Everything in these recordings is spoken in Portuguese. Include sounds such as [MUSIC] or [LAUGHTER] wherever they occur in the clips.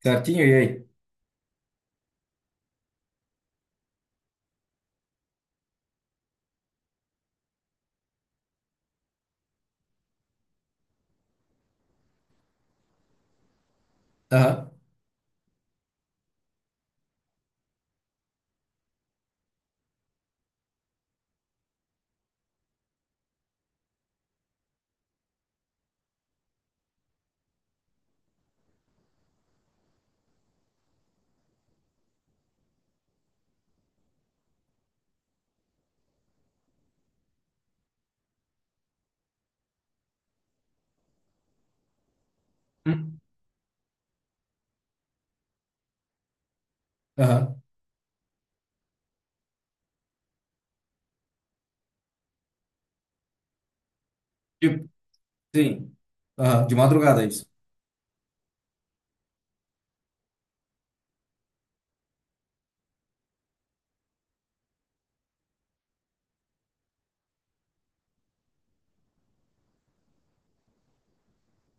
Certinho? E aí? Aham. Hum. Aham. Tipo, sim. Aham. De madrugada, é isso.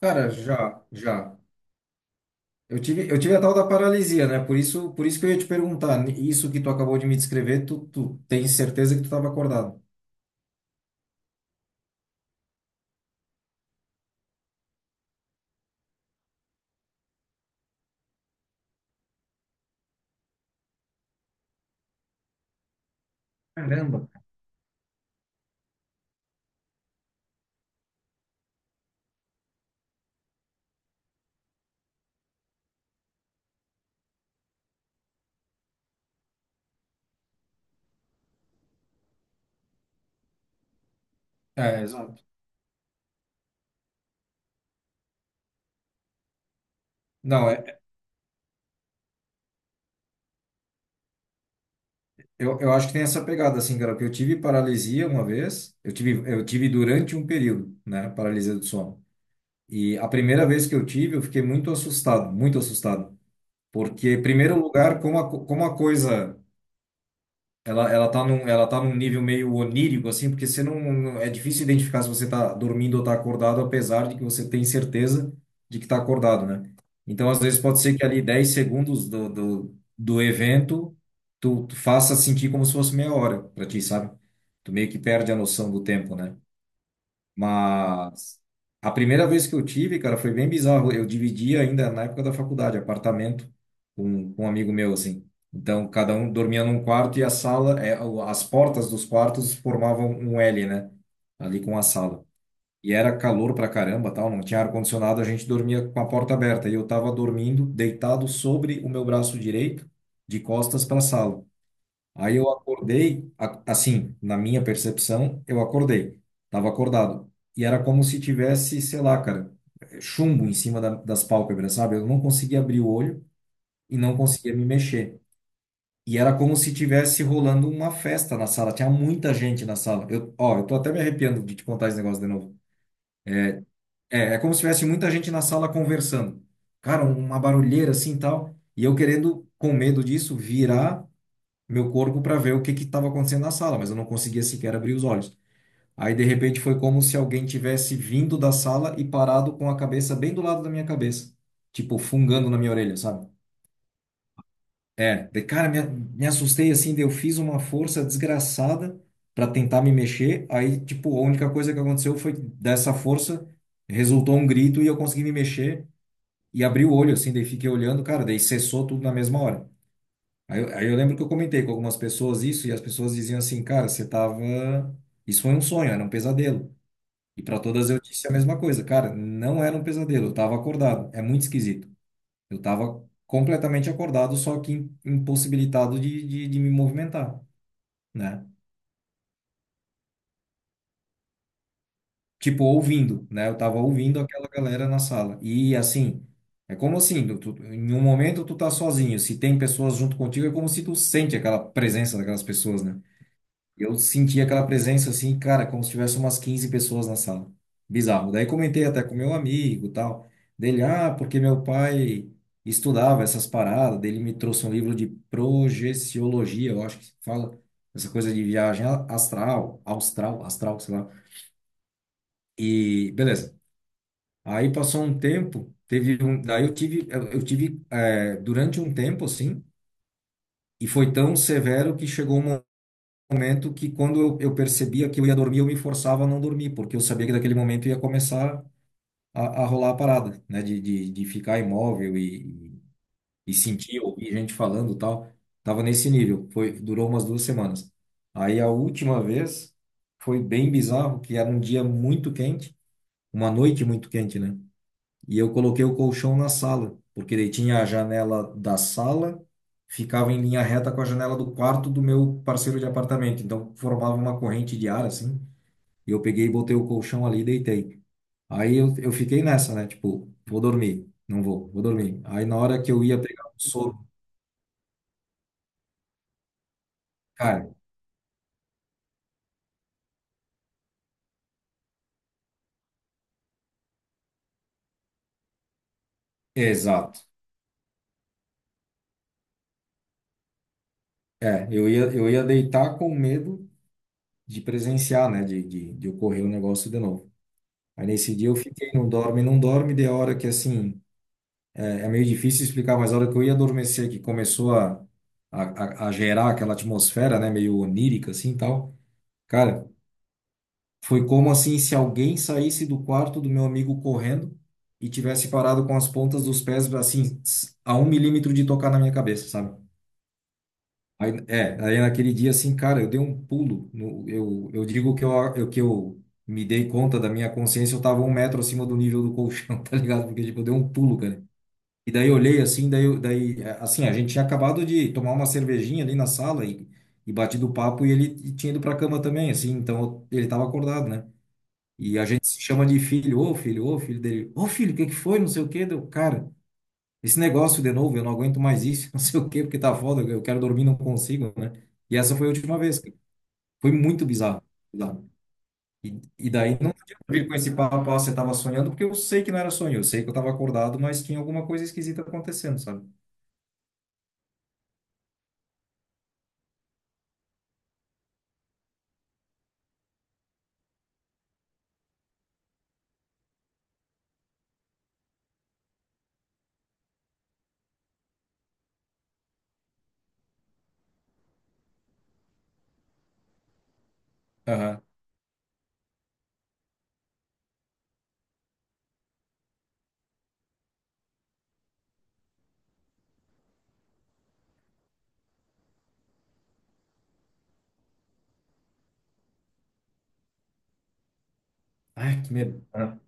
Cara, já, já. Eu tive a tal da paralisia, né? Por isso que eu ia te perguntar. Isso que tu acabou de me descrever, tu tens certeza que tu estava acordado? Caramba. É, exato. Não, é, eu acho que tem essa pegada, assim, cara, porque eu tive paralisia uma vez, eu tive durante um período, né, paralisia do sono. E a primeira vez que eu tive, eu fiquei muito assustado, muito assustado. Porque, em primeiro lugar, como a coisa. Ela tá num nível meio onírico, assim, porque você é difícil identificar se você tá dormindo ou tá acordado, apesar de que você tem certeza de que tá acordado, né? Então, às vezes, pode ser que ali 10 segundos do evento tu faça sentir como se fosse meia hora pra ti, sabe? Tu meio que perde a noção do tempo, né? Mas a primeira vez que eu tive, cara, foi bem bizarro. Eu dividi ainda na época da faculdade, apartamento com um amigo meu, assim. Então, cada um dormia num quarto e a sala, as portas dos quartos formavam um L, né? Ali com a sala. E era calor pra caramba, tal, não tinha ar-condicionado, a gente dormia com a porta aberta. E eu tava dormindo deitado sobre o meu braço direito, de costas pra sala. Aí eu acordei, assim, na minha percepção, eu acordei, tava acordado. E era como se tivesse, sei lá, cara, chumbo em cima das pálpebras, sabe? Eu não conseguia abrir o olho e não conseguia me mexer. E era como se tivesse rolando uma festa na sala, tinha muita gente na sala. Eu, ó, eu tô até me arrepiando de te contar esse negócio de novo. É como se tivesse muita gente na sala conversando. Cara, uma barulheira assim e tal. E eu querendo, com medo disso, virar meu corpo para ver o que que estava acontecendo na sala, mas eu não conseguia sequer abrir os olhos. Aí, de repente, foi como se alguém tivesse vindo da sala e parado com a cabeça bem do lado da minha cabeça, tipo, fungando na minha orelha, sabe? É, de cara, me assustei assim, daí eu fiz uma força desgraçada para tentar me mexer. Aí, tipo, a única coisa que aconteceu foi que dessa força resultou um grito e eu consegui me mexer e abri o olho, assim, daí fiquei olhando, cara, daí cessou tudo na mesma hora. Aí, aí eu lembro que eu comentei com algumas pessoas isso e as pessoas diziam assim, cara, você tava. Isso foi um sonho, era um pesadelo. E para todas eu disse a mesma coisa, cara, não era um pesadelo, eu tava acordado. É muito esquisito. Eu tava completamente acordado, só que impossibilitado de me movimentar, né? Tipo, ouvindo, né? Eu tava ouvindo aquela galera na sala. E assim, é como assim, em um momento tu tá sozinho, se tem pessoas junto contigo, é como se tu sente aquela presença daquelas pessoas, né? Eu senti aquela presença assim, cara, como se tivesse umas 15 pessoas na sala. Bizarro. Daí comentei até com meu amigo, e tal, dele, ah, porque meu pai estudava essas paradas, dele me trouxe um livro de projeciologia, eu acho que se fala essa coisa de viagem astral, austral, astral, sei lá. E beleza. Aí passou um tempo, daí eu tive durante um tempo assim, e foi tão severo que chegou um momento que quando eu percebia que eu ia dormir, eu me forçava a não dormir, porque eu sabia que daquele momento ia começar a rolar a parada, né? De ficar imóvel e sentir, ouvir gente falando e tal. Tava nesse nível. Durou umas 2 semanas. Aí a última vez foi bem bizarro, que era um dia muito quente, uma noite muito quente, né? E eu coloquei o colchão na sala, porque daí tinha a janela da sala, ficava em linha reta com a janela do quarto do meu parceiro de apartamento. Então formava uma corrente de ar assim. E eu peguei e botei o colchão ali e deitei. Aí eu fiquei nessa, né? Tipo, vou dormir. Não vou, vou dormir. Aí na hora que eu ia pegar o sono, cara, exato. É, eu ia deitar com medo de presenciar, né? De ocorrer o negócio de novo. Aí nesse dia eu fiquei, não dorme, não dorme, de hora que assim. É meio difícil explicar, mas a hora que eu ia adormecer, que começou a, a gerar aquela atmosfera, né, meio onírica assim e tal. Cara, foi como assim se alguém saísse do quarto do meu amigo correndo e tivesse parado com as pontas dos pés assim a um milímetro de tocar na minha cabeça, sabe? Aí, aí naquele dia assim, cara, eu dei um pulo. Eu digo que eu me dei conta da minha consciência, eu tava 1 metro acima do nível do colchão, [LAUGHS] tá ligado? Porque tipo, eu dei um pulo, cara. E daí eu olhei assim, daí, assim, a gente tinha acabado de tomar uma cervejinha ali na sala e, batido o papo e ele tinha ido pra cama também, assim, então ele tava acordado, né? E a gente se chama de filho, ô filho, ô filho dele, ô filho, o que que foi? Não sei o quê, deu, cara, esse negócio de novo, eu não aguento mais isso, [LAUGHS] não sei o quê, porque tá foda, eu quero dormir, não consigo, né? E essa foi a última vez, cara. Foi muito bizarro, bizarro. E daí não adianta vir com esse papo, ah, você tava sonhando, porque eu sei que não era sonho, eu sei que eu tava acordado, mas tinha alguma coisa esquisita acontecendo, sabe? Aham. Ai, que medo. Ah.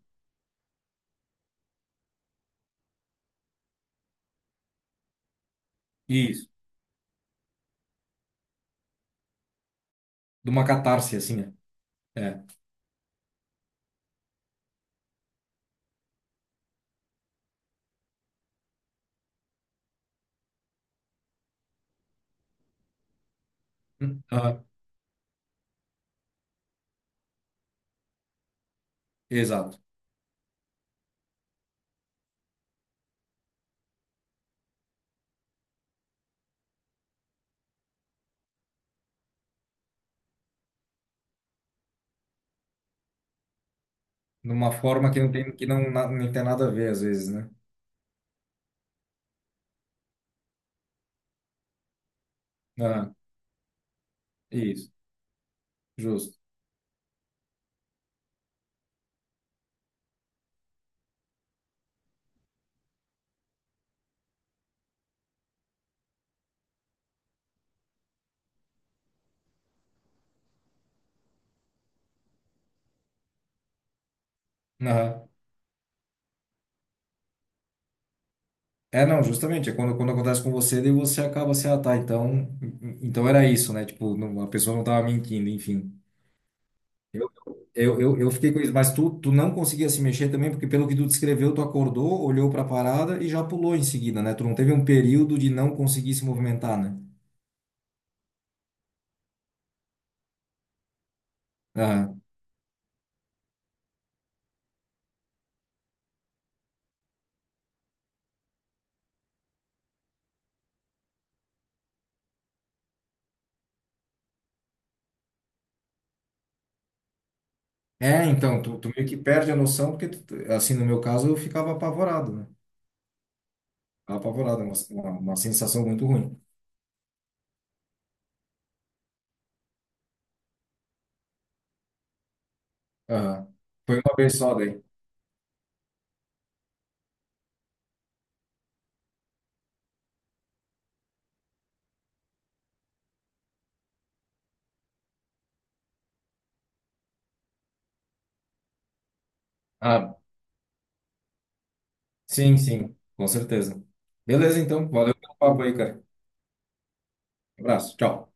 Isso. De uma catarse, assim, né? É. Hum. Ah. Exato. De uma forma que não tem, que não, na- nem tem nada a ver, às vezes, né? Ah. Isso. Justo. Aham. É, não, justamente. É quando acontece com você, daí você acaba assim, ah, tá, então, era isso, né? Tipo, a pessoa não tava mentindo, enfim. Eu fiquei com isso, mas tu não conseguia se mexer também, porque pelo que tu descreveu, tu acordou, olhou pra parada e já pulou em seguida, né? Tu não teve um período de não conseguir se movimentar, né? É, então, tu meio que perde a noção, porque, assim, no meu caso, eu ficava apavorado, né? Ficava apavorado, uma sensação muito ruim. Aham. Foi uma vez só daí. Ah, sim, sim, com certeza. Beleza, então, valeu pelo papo aí, cara. Abraço, tchau.